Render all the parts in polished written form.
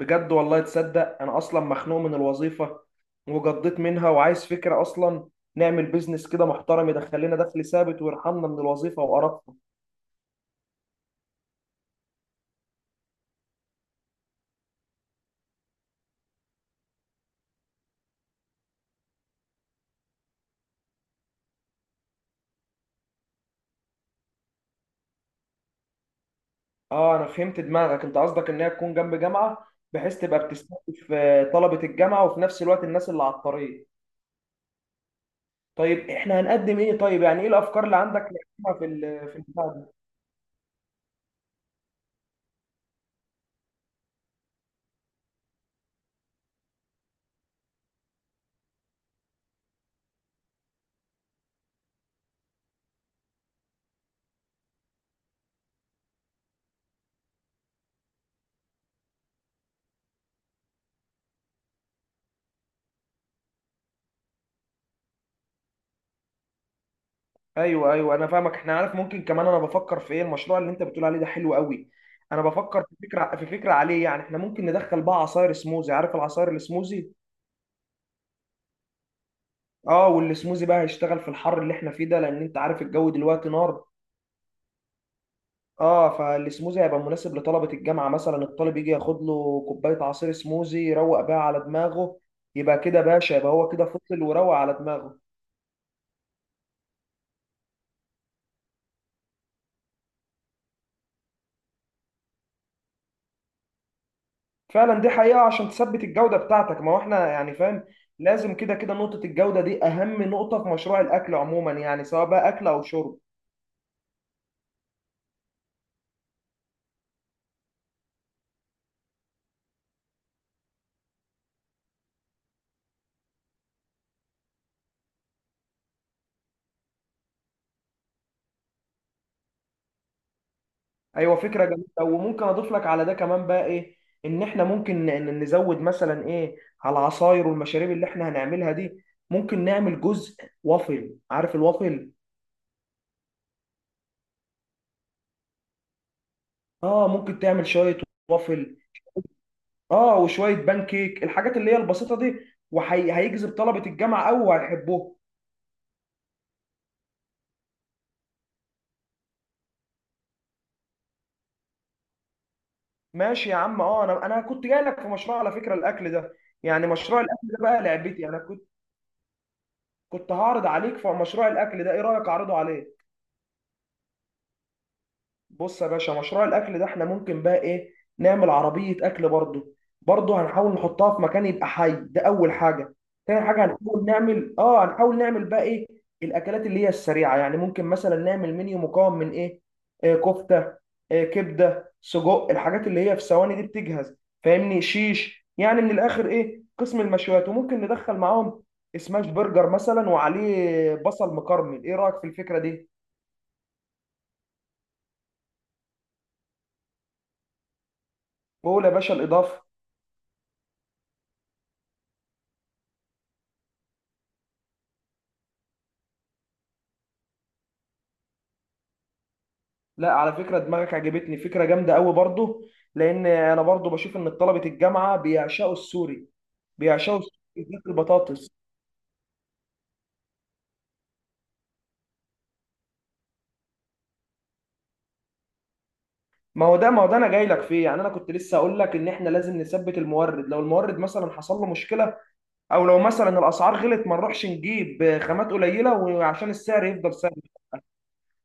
بجد والله تصدق، انا اصلا مخنوق من الوظيفه وجضيت منها وعايز فكره اصلا نعمل بيزنس كده محترم يدخل لنا دخل ثابت ويرحمنا من الوظيفه وقرفنا. اه، انا فهمت دماغك. انت قصدك انها تكون جنب جامعه، بحيث تبقى بتستهدف طلبه الجامعه وفي نفس الوقت الناس اللي على الطريق. طيب، احنا هنقدم ايه؟ طيب، يعني ايه الافكار اللي عندك نقدمها في البتاع؟ ايوه، ايوه، انا فاهمك. احنا عارف ممكن كمان، انا بفكر في ايه، المشروع اللي انت بتقول عليه ده حلو قوي. انا بفكر في فكره عليه، يعني احنا ممكن ندخل بقى عصاير سموزي، عارف العصاير السموزي. اه، والسموزي بقى هيشتغل في الحر اللي احنا فيه ده، لان انت عارف الجو دلوقتي نار. اه، فالسموزي هيبقى مناسب لطلبه الجامعه، مثلا الطالب يجي ياخد له كوبايه عصير سموزي يروق بيها على دماغه. يبقى كده باشا، يبقى هو كده فصل وروق على دماغه. فعلا، دي حقيقة عشان تثبت الجودة بتاعتك. ما هو احنا يعني فاهم، لازم كده كده نقطة الجودة دي أهم نقطة في مشروع الأكل عموما، يعني سواء بقى أكل أو شرب. أيوة، فكرة جميلة. وممكن أضيف لك على ده كمان بقى إيه، إن إحنا ممكن نزود مثلا إيه على العصاير والمشاريب اللي إحنا هنعملها دي. ممكن نعمل جزء وافل. عارف الوافل؟ آه، ممكن تعمل شوية وافل. آه، وشوية بان كيك، الحاجات اللي هي البسيطة دي. وهيجذب طلبة الجامعة أوي وهيحبوها. ماشي يا عم. اه، انا كنت جاي لك في مشروع على فكره الاكل ده، يعني مشروع الاكل ده بقى لعبتي. انا كنت هعرض عليك في مشروع الاكل ده. ايه رايك اعرضه عليك؟ بص يا باشا، مشروع الاكل ده احنا ممكن بقى ايه، نعمل عربيه اكل برضه. برضه هنحاول نحطها في مكان يبقى حي، ده اول حاجه. تاني حاجه، هنحاول نعمل بقى ايه، الاكلات اللي هي السريعه. يعني ممكن مثلا نعمل منيو مكون من ايه، كفته، كبده، سجق، الحاجات اللي هي في ثواني دي بتجهز. فاهمني؟ شيش، يعني من الاخر ايه، قسم المشويات. وممكن ندخل معاهم سماش برجر مثلا وعليه بصل مكرمل. ايه رايك في الفكره دي؟ قول يا باشا الاضافه. لا، على فكرة دماغك عجبتني، فكرة جامدة قوي برضو. لأن أنا برضو بشوف إن طلبة الجامعة بيعشقوا السوري. بيعشقوا السوري بالذات البطاطس. ما هو ده أنا جاي لك فيه، يعني أنا كنت لسه أقول لك إن إحنا لازم نثبت المورد. لو المورد مثلا حصل له مشكلة أو لو مثلا الأسعار غلت، ما نروحش نجيب خامات قليلة، وعشان السعر يفضل ثابت.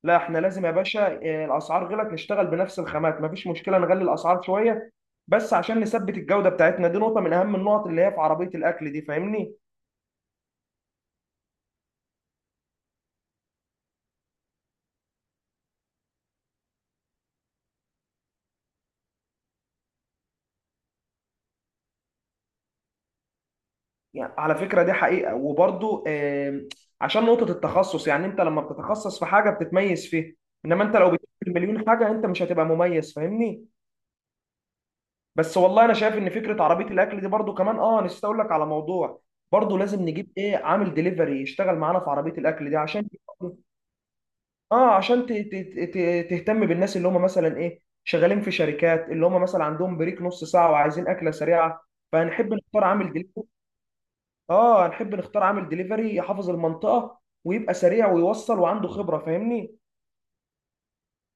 لا، إحنا لازم يا باشا، الأسعار غلت نشتغل بنفس الخامات، مفيش مشكلة نغلي الأسعار شوية، بس عشان نثبت الجودة بتاعتنا. دي نقطة من أهم النقط اللي هي في عربية الأكل دي، فاهمني؟ يعني على فكرة دي حقيقة. وبرضو عشان نقطة التخصص، يعني انت لما بتتخصص في حاجة بتتميز فيها. انما انت لو بتعمل مليون حاجة انت مش هتبقى مميز، فاهمني؟ بس والله انا شايف ان فكرة عربية الاكل دي برضو كمان. اه نسيت اقول لك على موضوع، برضو لازم نجيب ايه، عامل ديليفري يشتغل معانا في عربية الاكل دي، عشان تهتم بالناس اللي هم مثلا ايه، شغالين في شركات اللي هم مثلا عندهم بريك نص ساعة وعايزين أكلة سريعة. فهنحب نختار عامل ديليفري. اه، هنحب نختار عامل ديليفري يحافظ المنطقة ويبقى سريع ويوصل وعنده خبرة، فاهمني؟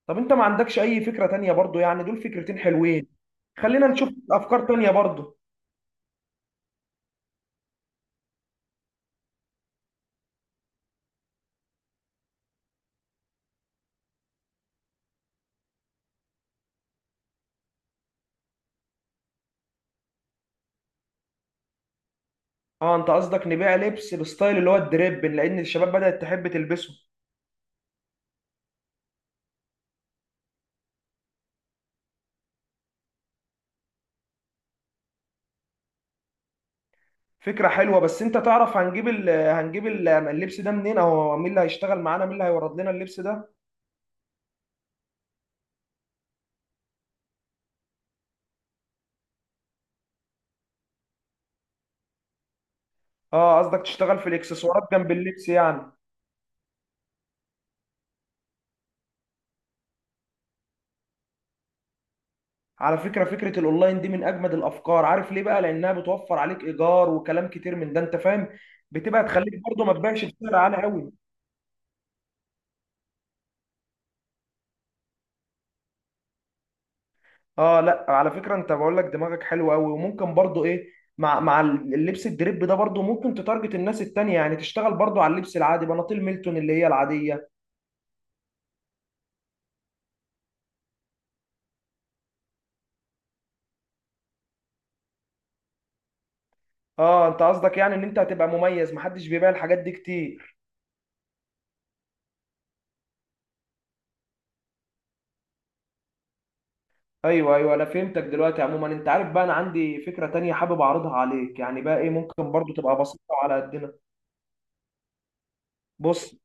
طب، انت ما عندكش اي فكرة تانية برضو؟ يعني دول فكرتين حلوين. خلينا نشوف افكار تانية برضو. اه، انت قصدك نبيع لبس بستايل اللي هو الدريب، لان الشباب بدأت تحب تلبسه. فكرة حلوة. بس انت تعرف هنجيب ال هنجيب ال اللبس ده منين؟ او مين اللي هيشتغل معانا؟ مين اللي هيورد لنا اللبس ده؟ اه، قصدك تشتغل في الاكسسوارات جنب اللبس يعني. على فكرة فكرة الاونلاين دي من اجمد الافكار، عارف ليه بقى؟ لانها بتوفر عليك ايجار وكلام كتير من ده، انت فاهم. بتبقى تخليك برضو ما تبيعش بسعر عالي قوي. اه، لا، على فكرة انت بقول لك دماغك حلو قوي. وممكن برضو ايه، مع اللبس الدريب ده برضو ممكن تتارجت الناس التانية، يعني تشتغل برضو على اللبس العادي، بناطيل ميلتون اللي هي العادية. اه، انت قصدك يعني ان انت هتبقى مميز، محدش بيبيع الحاجات دي كتير. ايوه، ايوه، انا فهمتك دلوقتي. عموما انت عارف بقى، انا عندي فكرة تانية حابب اعرضها عليك، يعني بقى ايه ممكن برضو تبقى بسيطة على قدنا. بص،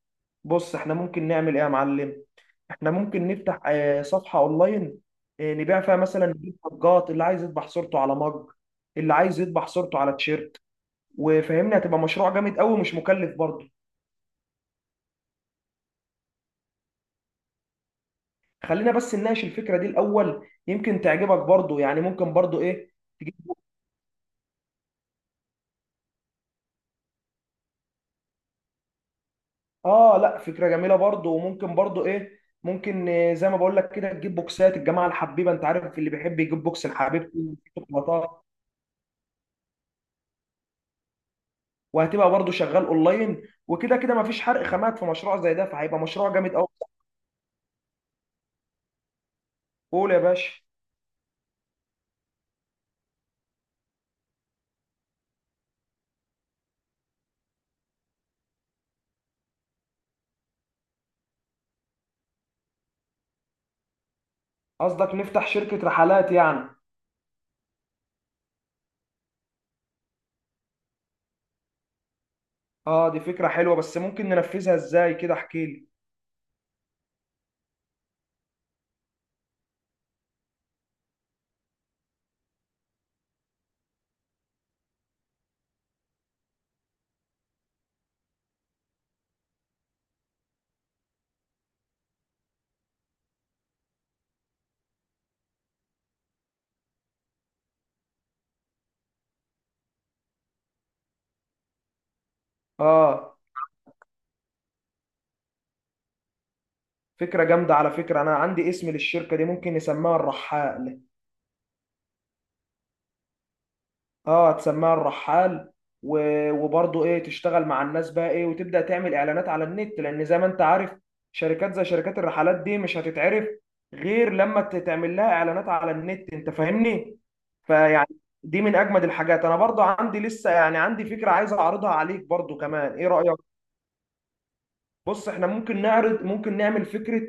بص احنا ممكن نعمل ايه يا معلم. احنا ممكن نفتح صفحة اونلاين، نبيع فيها مثلا، نجيب مجات اللي عايز يطبع صورته على مج، اللي عايز يطبع صورته على تيشيرت. وفهمني، هتبقى مشروع جامد قوي ومش مكلف برضه. خلينا بس نناقش الفكرة دي الاول، يمكن تعجبك برضه. يعني ممكن برضه ايه، تجيب. اه، لا، فكرة جميلة برضه. وممكن برضه ايه، ممكن زي ما بقول لك كده، تجيب بوكسات الجماعة الحبيبة، انت عارف اللي بيحب يجيب بوكس لحبيبته. وهتبقى برضه شغال اونلاين، وكده كده مفيش حرق خامات في مشروع زي ده، فهيبقى مشروع جامد قوي. قول يا باشا. قصدك نفتح شركة رحلات يعني. اه، دي فكرة حلوة، بس ممكن ننفذها ازاي كده؟ احكي لي. اه، فكرة جامدة على فكرة. انا عندي اسم للشركة دي، ممكن نسميها الرحال. اه، تسميها الرحال. وبرضه ايه، تشتغل مع الناس بقى ايه، وتبدا تعمل اعلانات على النت. لان زي ما انت عارف، شركات زي شركات الرحلات دي مش هتتعرف غير لما تعمل لها اعلانات على النت، انت فاهمني؟ فيعني، دي من اجمد الحاجات. انا برضه عندي لسه، يعني عندي فكره عايز اعرضها عليك برضه كمان، ايه رايك؟ بص، احنا ممكن نعرض، ممكن نعمل فكره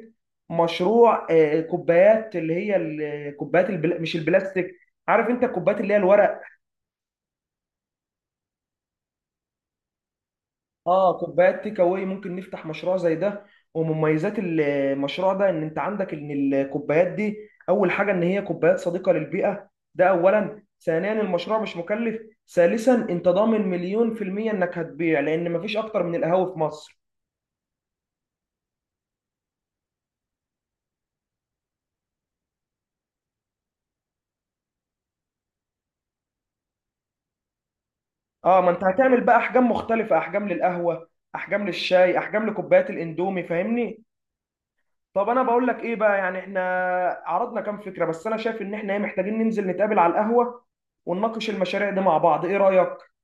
مشروع كوبايات اللي هي الكوبايات البلا... مش البلاستيك. عارف انت الكوبايات اللي هي الورق. اه، كوبايات تيك اواي، ممكن نفتح مشروع زي ده. ومميزات المشروع ده ان انت عندك ان الكوبايات دي اول حاجه ان هي كوبايات صديقه للبيئه. ده اولا. ثانيا، المشروع مش مكلف. ثالثا، انت ضامن 100% انك هتبيع، لان مفيش اكتر من القهاوي في مصر. اه، ما انت هتعمل بقى احجام مختلفه، احجام للقهوه، احجام للشاي، احجام لكوبايات الاندومي، فاهمني؟ طب، انا بقول لك ايه بقى، يعني احنا عرضنا كام فكره، بس انا شايف ان احنا محتاجين ننزل نتقابل على القهوه ونناقش المشاريع دي مع بعض. ايه رايك؟